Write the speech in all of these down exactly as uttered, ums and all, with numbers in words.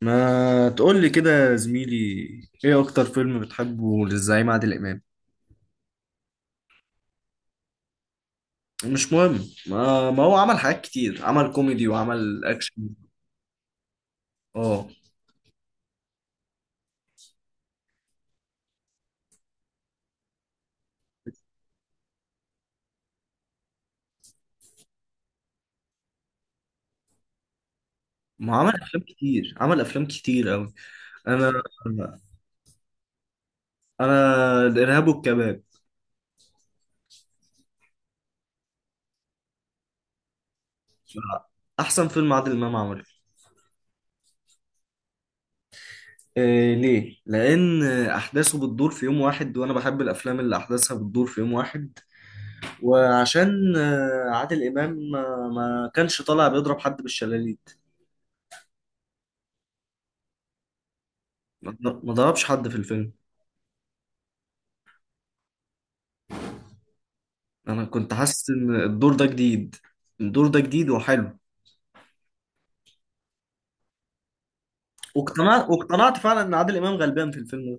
ما تقول لي كده يا زميلي. ايه اكتر فيلم بتحبه للزعيم عادل امام؟ مش مهم. ما, ما هو عمل حاجات كتير، عمل كوميدي وعمل اكشن. اه. ما عمل افلام كتير، عمل افلام كتير قوي. انا انا الارهاب والكباب احسن فيلم عادل امام عمله. إيه ليه؟ لأن أحداثه بتدور في يوم واحد وأنا بحب الأفلام اللي أحداثها بتدور في يوم واحد. وعشان آه، عادل إمام ما ما كانش طالع بيضرب حد بالشلاليه. ما ما ضربش حد في الفيلم. انا كنت حاسس ان الدور ده جديد. الدور ده جديد وحلو. واقتنعت واقتنعت فعلا ان عادل امام غلبان في الفيلم.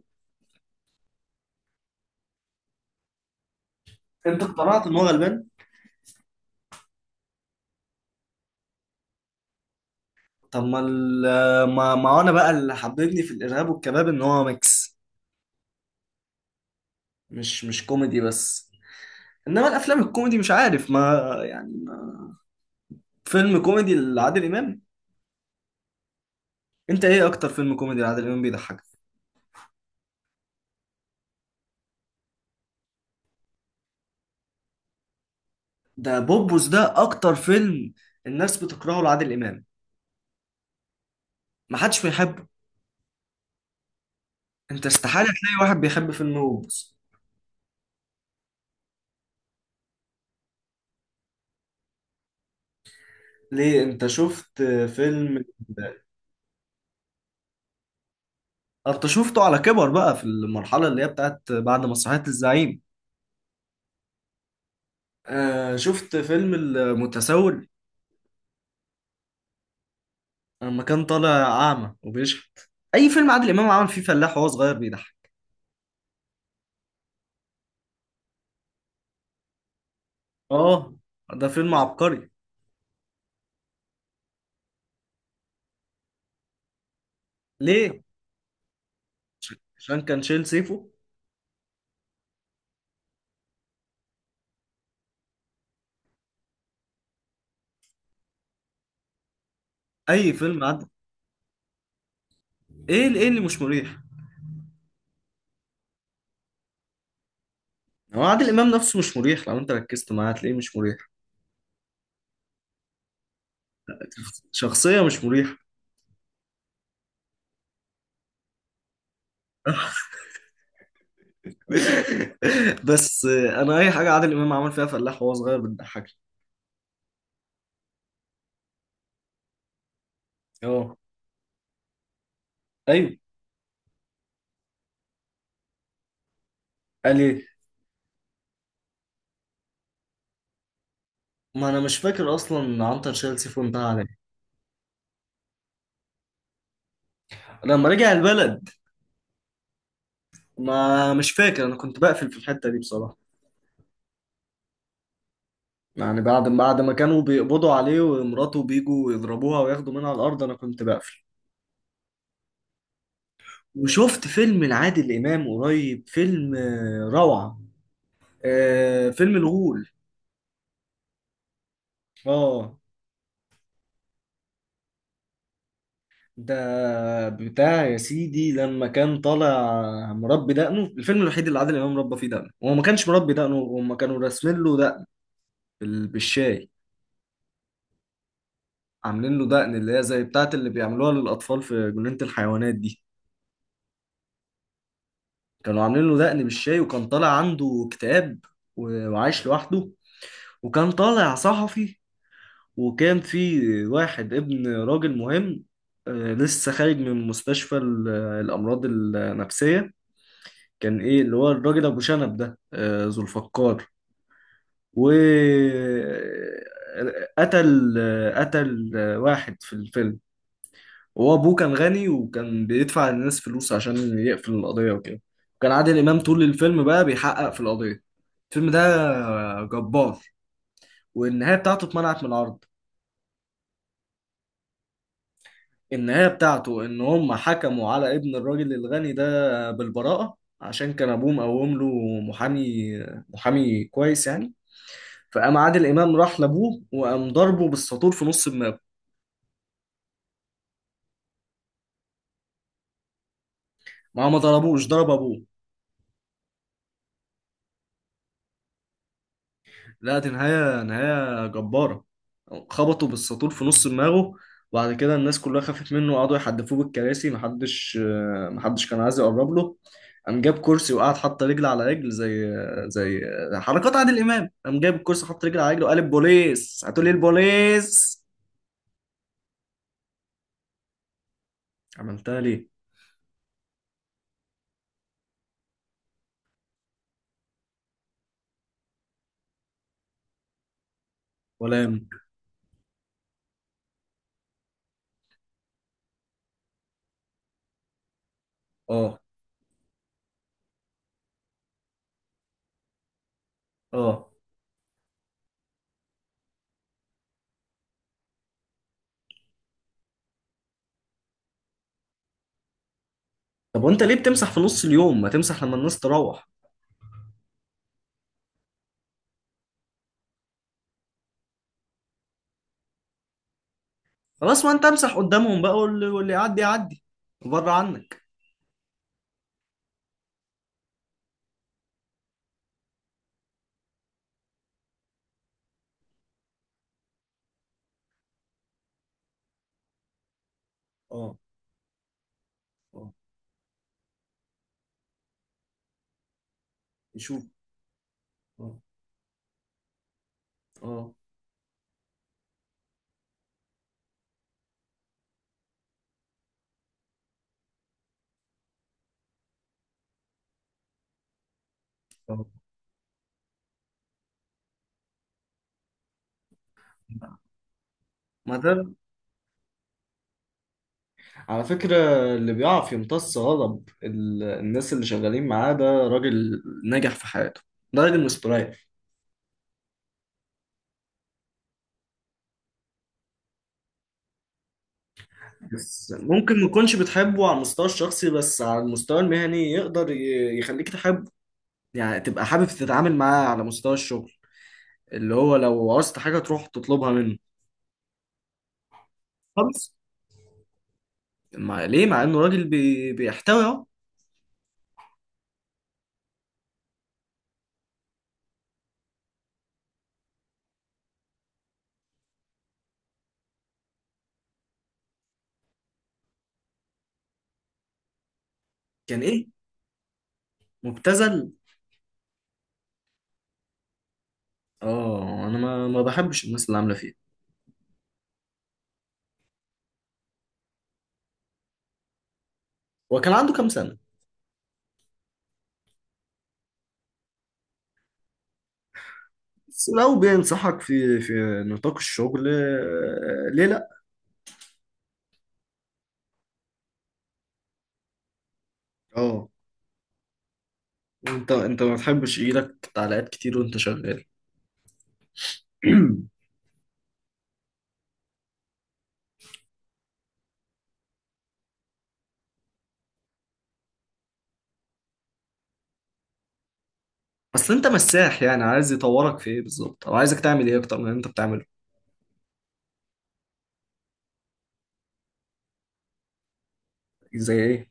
ده انت اقتنعت ان هو غلبان. طب ما ال- ما ما انا بقى اللي حببني في الارهاب والكباب ان هو ميكس. مش مش كوميدي بس. انما الافلام الكوميدي مش عارف ما يعني ما فيلم كوميدي لعادل امام. انت ايه اكتر فيلم كوميدي لعادل امام بيضحكك؟ ده بوبوس، ده اكتر فيلم الناس بتكرهه لعادل امام. ما حدش بيحبه. انت استحالة تلاقي واحد بيحب فيلم هوبس. ليه انت شفت فيلم؟ انت شفته على كبر بقى في المرحلة اللي هي بتاعت بعد مسرحية الزعيم. آه، شفت فيلم المتسول لما كان طالع أعمى وبيشحت. أي فيلم عادل إمام عمل فيه فلاح وهو صغير بيضحك. آه، ده فيلم عبقري. ليه؟ عشان كان شايل سيفه. أي فيلم عادل. إيه إيه اللي مش مريح؟ هو عادل إمام نفسه مش مريح، لو أنت ركزت معاه هتلاقيه مش مريح. شخصية مش مريحة. بس آه، انا اي حاجه عادل امام عمل فيها فلاح وهو صغير بتضحكني. اه. ايوه. قال ايه؟ ما انا مش فاكر اصلا عنتر شال سيفه انتهى على إيه. لما رجع البلد. ما مش فاكر، انا كنت بقفل في الحته دي بصراحه. يعني بعد بعد ما كانوا بيقبضوا عليه ومراته بيجوا يضربوها وياخدوا منها على الارض انا كنت بقفل. وشفت فيلم لعادل امام قريب، فيلم آه، روعه. آه، فيلم الغول. اه. ده بتاع يا سيدي لما كان طالع مربي دقنه، الفيلم الوحيد اللي عادل امام ربى فيه دقنه، وهو ما كانش مربي دقنه، هما كانوا راسمين له دقن بال- بالشاي. عاملين له دقن اللي هي زي بتاعه اللي بيعملوها للاطفال في جنينة الحيوانات دي. كانوا عاملين له دقن بالشاي وكان طالع عنده اكتئاب، و- وعايش لوحده. وكان طالع صحفي. وكان في واحد ابن راجل مهم، آه، لسه خارج من مستشفى ال- الامراض النفسية. كان ايه اللي هو الراجل ابو شنب ده؟ آه، ذو الفقار. و قتل قتل واحد في الفيلم. وهو ابوه كان غني وكان بيدفع للناس فلوس عشان يقفل القضية وكده. كان عادل امام طول الفيلم بقى بيحقق في القضية. الفيلم ده جبار. والنهاية بتاعته اتمنعت من العرض. النهاية بتاعته ان هم حكموا على ابن الراجل الغني ده بالبراءة عشان كان ابوه مقوم له محامي، محامي كويس يعني. فقام عادل امام راح لابوه وقام ضربه بالساطور في نص دماغه. ما هو ما ضربوش، ضرب ابوه. لا، دي نهايه، نهايه جباره. خبطه بالساطور في نص دماغه. وبعد كده الناس كلها خافت منه وقعدوا يحدفوه بالكراسي، محدش، آه، محدش كان عايز يقرب له. قام جاب كرسي وقعد حط رجل على رجل، زي زي حركات عادل امام. قام جاب الكرسي، حط رجل على رجل وقال البوليس هتقولي البوليس. عملتها ليه؟ ولا يهمك. اه اه. طب وانت ليه بتمسح في نص اليوم؟ ما تمسح لما الناس تروح. خلاص، ما انت امسح قدامهم بقى واللي واللي يعدي يعدي بره عنك. اه اه. نشوف. اه. اه. آه. ما ده على فكرة، اللي بيعرف يمتص غضب ال- الناس اللي شغالين معاه، ده راجل ناجح في حياته. ده راجل مستريح. بس ممكن ما تكونش بتحبه على المستوى الشخصي، بس على المستوى المهني يقدر ي- يخليك تحبه. يعني تبقى حابب تتعامل معاه على مستوى الشغل اللي هو لو عاوزت حاجة تروح تطلبها منه. خالص. ما ليه مع انه راجل بي... بيحتوي. كان ايه؟ مبتذل. اه انا ما ما بحبش الناس اللي عامله فيه. هو كان عنده كام سنه؟ بس لو بينصحك في في نطاق الشغل، آه، ليه لا. اه. وانت انت ما تحبش يجيلك تعليقات كتير وانت شغال. اصل انت مساح، يعني عايز يطورك في ايه بالظبط، او عايزك تعمل ايه اكتر من اللي انت بتعمله؟ زي ايه؟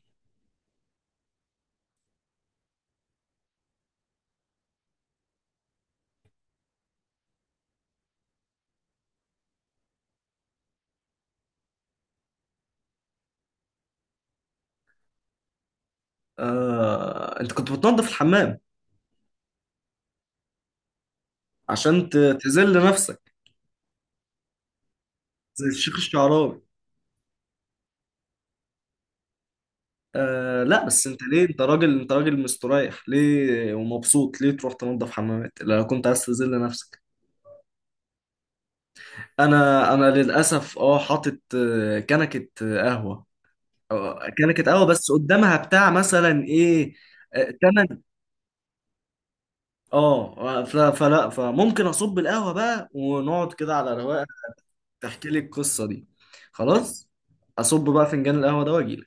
آه، انت كنت بتنظف الحمام عشان ت- تذل نفسك زي الشيخ الشعراوي؟ آه لا، بس انت ليه، انت راجل، انت راجل مستريح ليه ومبسوط ليه تروح تنظف حمامات لو كنت عايز تذل نفسك. انا انا للاسف اه حاطط آه، كنكه آه، قهوه. آه، كنكه قهوه، بس قدامها بتاع مثلا ايه. آه، تمن. اه ف- فلا، فممكن اصب القهوه بقى ونقعد كده على رواقه تحكي لي القصه دي. خلاص. اصب بقى فنجان القهوه ده واجي